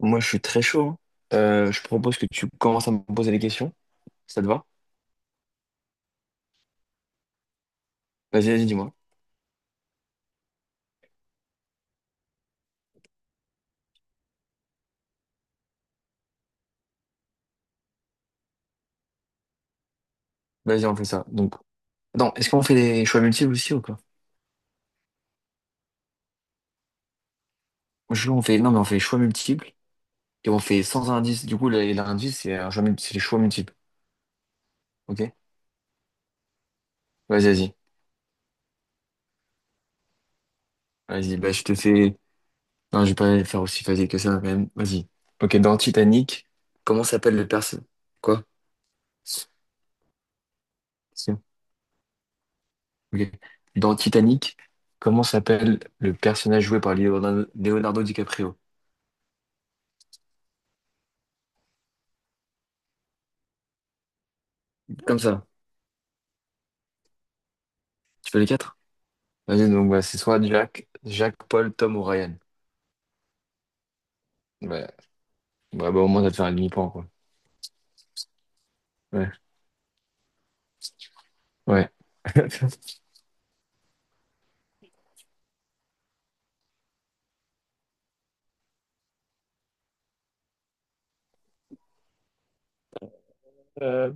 Moi, je suis très chaud. Hein. Je propose que tu commences à me poser des questions. Si ça te va? Vas-y, vas-y, dis-moi. Vas-y, on fait ça. Donc, non, est-ce qu'on fait des choix multiples aussi ou quoi? Je veux qu'on fait, non, mais on fait choix multiples et on fait sans indice. Du coup, l'indice, c'est les choix multiples. Ok? Vas-y, vas-y. Vas-y, bah, je te fais. Non, je vais pas faire aussi facile que ça, quand même. Vas-y. Ok, dans Titanic, comment s'appelle le personnage? Quoi? Si. Ok. Dans Titanic, comment s'appelle le personnage joué par Leonardo DiCaprio? Comme ça. Tu fais les quatre? Vas-y, donc bah, c'est soit Jack, Paul, Tom ou Ryan. Ouais. Bah, au moins, ça te fait un demi-point, quoi. Ouais. Ouais. Euh,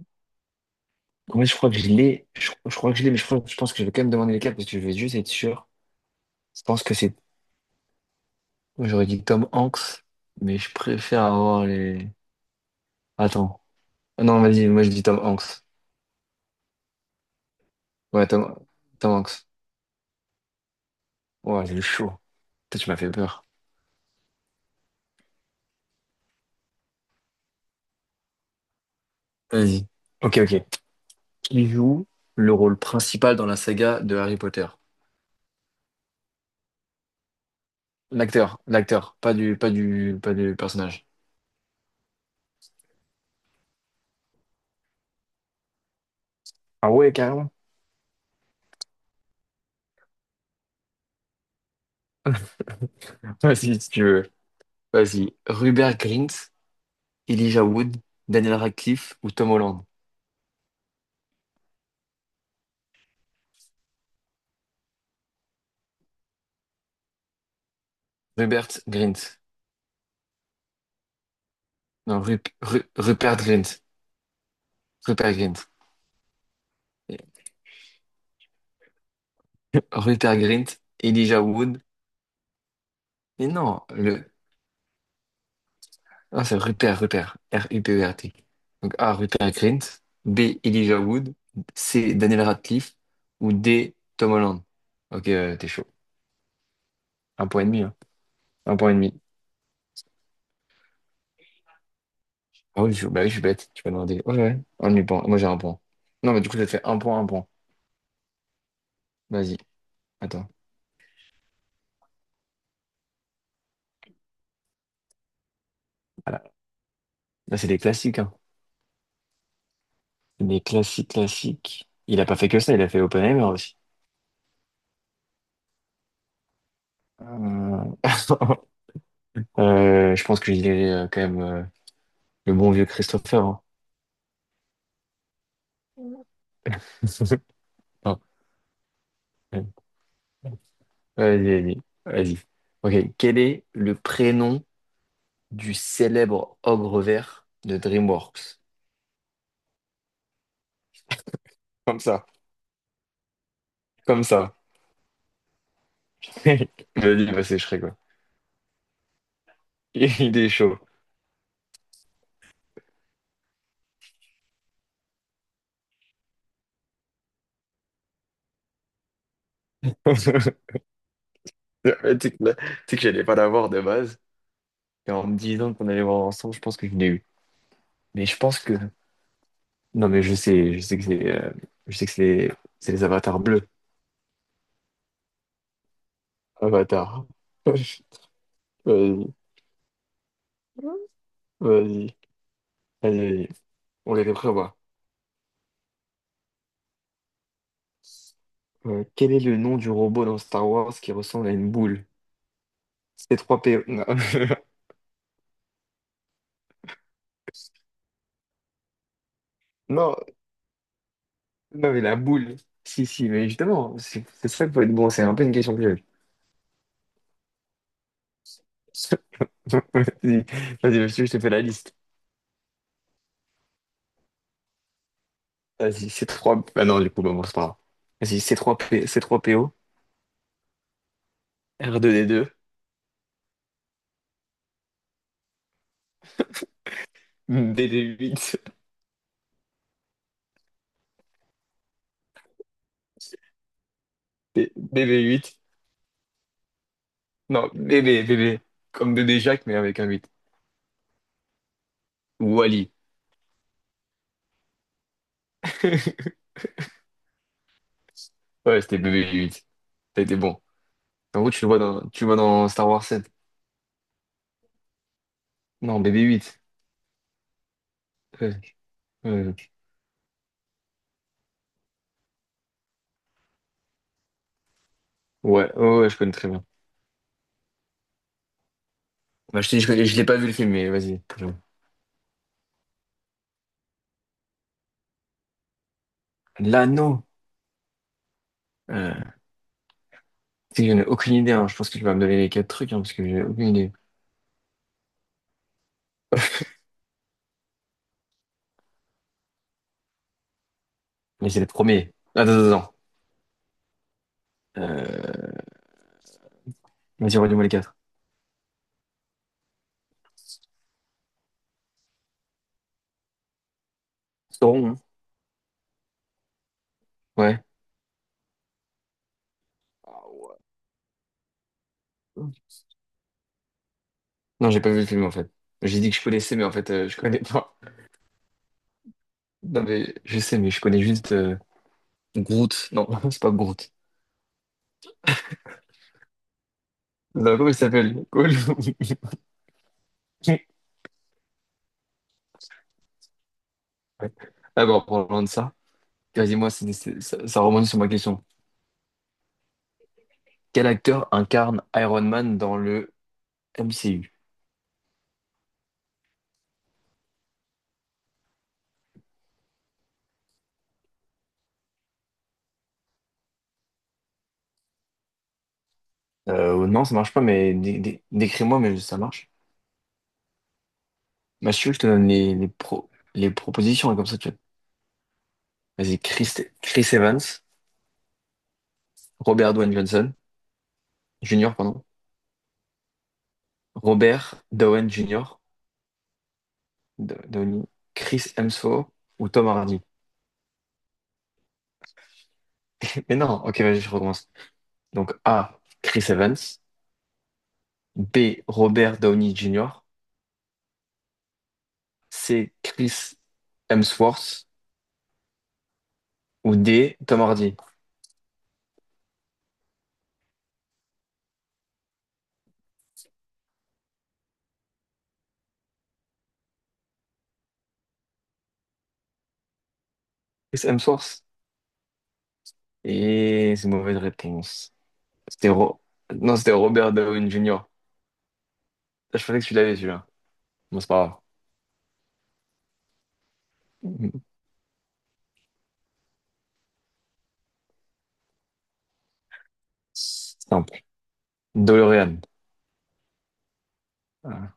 en je crois que je l'ai. Je crois que je l'ai, mais je pense que je vais quand même demander les quatre parce que je vais juste être sûr. Je pense que c'est. J'aurais dit Tom Hanks, mais je préfère avoir les. Attends. Ah non, vas-y, moi je dis Tom Hanks. Ouais, Tom Hanks. Ouais, j'ai eu chaud. Putain, tu m'as fait peur. Vas-y. Ok, ok. Qui joue le rôle principal dans la saga de Harry Potter? L'acteur, pas du personnage. Ah ouais, carrément. Vas-y, si tu veux. Vas-y. Rupert Grint, Elijah Wood, Daniel Radcliffe ou Tom Holland. Rupert Grint. Non, Rupert Grint. Rupert Grint. Rupert Grint, Elijah Wood. Mais non, le... Ah c'est Rupert, Rupert. R-U-P-E-R-T. Donc A, Rupert Grint. B, Elijah Wood. C, Daniel Radcliffe. Ou D, Tom Holland. Ok, t'es chaud. Un point et demi, hein. Un point et demi. Ah oui, bah oui, je suis bête, tu peux demander. Ouais, ouais, un demi-point. Moi, j'ai un point. Non, mais du coup, ça te fait un point, un point. Vas-y, attends. Voilà. Là, c'est des classiques, hein. Des classiques, classiques. Il a pas fait que ça, il a fait Oppenheimer aussi. Euh, je pense que je dirais quand même le bon vieux Christopher. Hein. Non. Vas-y, vas-y, vas-y. Ok, quel est le prénom du célèbre ogre vert de DreamWorks? Comme ça, comme ça. Vas-y, bah, c'est Shrek, quoi. Il est chaud. Ouais, tu sais que, tu sais que j'allais pas l'avoir de base. Et en me disant qu'on allait voir ensemble, je pense que je l'ai eu. Mais je pense que. Non, mais je sais que c'est je sais que c'est les avatars bleus. Avatar. Vas-y, vas-y, allez, allez. On les revoit. Quel est le nom du robot dans Star Wars qui ressemble à une boule? C3PO. Non. Non, non, mais la boule. Si, si, mais justement, c'est ça qu'il faut être bon. C'est un peu une question piège. Vas-y, vas-y, monsieur, je te fais la liste. Vas-y, c'est trois. Ah non, du coup, bah bon, c'est pas grave. Vas-y, c'est trois P... C3PO, r deux d deux b bb huit b huit. Non, b b b b comme bébé Jacques, mais avec un huit. Wally. Ouais, c'était b b huit. Ça a été bon. En gros, tu le vois dans Star Wars 7. Non, b 8. Ouais, ouais, ouais, ouais, ouais, ouais, je connais très bien. Bah, je t'ai dis, je l'ai pas vu le film, mais vas-y. L'anneau. Euh, tu sais que j'en ai aucune idée, hein. Je pense que tu vas me donner les quatre trucs, hein, parce que j'ai aucune idée. Mais c'est le premier. Attends, attends, attends. Euh, Vas-y, redis-moi les quatre. Sauron, hein. Ouais. Ah ouais. Non, j'ai pas vu le film en fait. J'ai dit que je connaissais, mais en fait, je connais pas. Non, mais je sais, mais je connais juste Groot. Non, c'est pas Groot. Non, comment il s'appelle? Cool. Ouais. Ah bon, en parlant de ça, dis-moi, ça remonte sur ma question. Quel acteur incarne Iron Man dans le MCU? Non, ça marche pas, mais décris-moi, mais ça marche. Mathieu, je te donne les propositions, et comme ça, tu vas- Vas-y, Chris Evans, Robert Downey Johnson, Junior, pardon. Robert Downey Junior, Downey, Chris Hemsworth ou Tom Hardy. Mais non, ok, vas-y, je recommence. Donc A, Chris Evans. B, Robert Downey Junior. C, Chris Hemsworth. Ou D, Tom Hardy. Chris Hemsworth. Et c'est une mauvaise réponse. C'était Ro- Non, c'était Robert Downey Junior. Ah, je pensais que tu l'avais, celui-là. Bon, c'est pas grave. Simple. DeLorean. Voilà.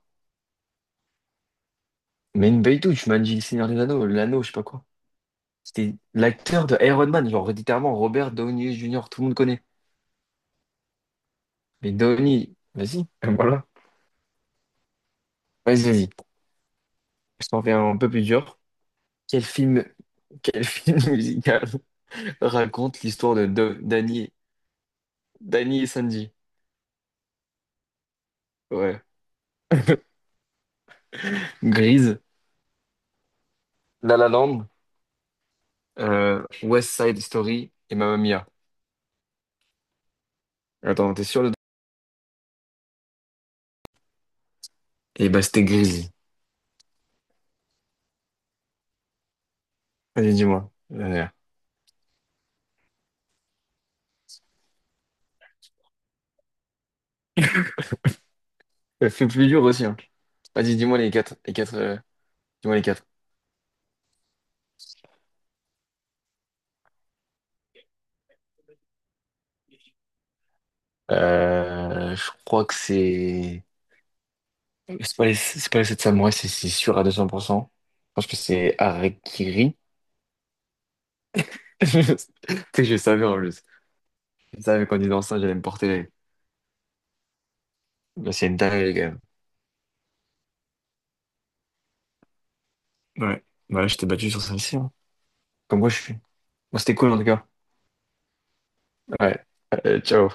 Mais une belle touche, tu m'as dit le Seigneur des Anneaux, l'anneau, je sais pas quoi. C'était l'acteur de Iron Man, genre littéralement Robert Downey Jr., tout le monde connaît. Mais Downey, vas-y, voilà. Vas-y, vas-y. Je t'en fais un peu plus dur. Quel film, quel film musical raconte l'histoire de Danny et Sanji? Ouais. Grise, La La Land, West Side Story et Mamma Mia. Attends, t'es sûr de... Et bah c'était Grise. Vas-y, dis-moi. Fait plus dur aussi, hein. Vas-y, dis-moi les quatre, dis-moi les quatre. Je crois que c'est... C'est pas les 7 samouraïs, c'est sûr à 200%. Je pense que c'est Harakiri. Tu sais, je savais en plus. Je savais qu'en disant ça, j'allais me porter. Mais c'est une dinguerie, quand même. Ouais. Voilà, je t'ai battu sur celle-ci. Hein. Comme quoi, je suis. Bon, c'était cool, en tout cas. Ouais. Ciao.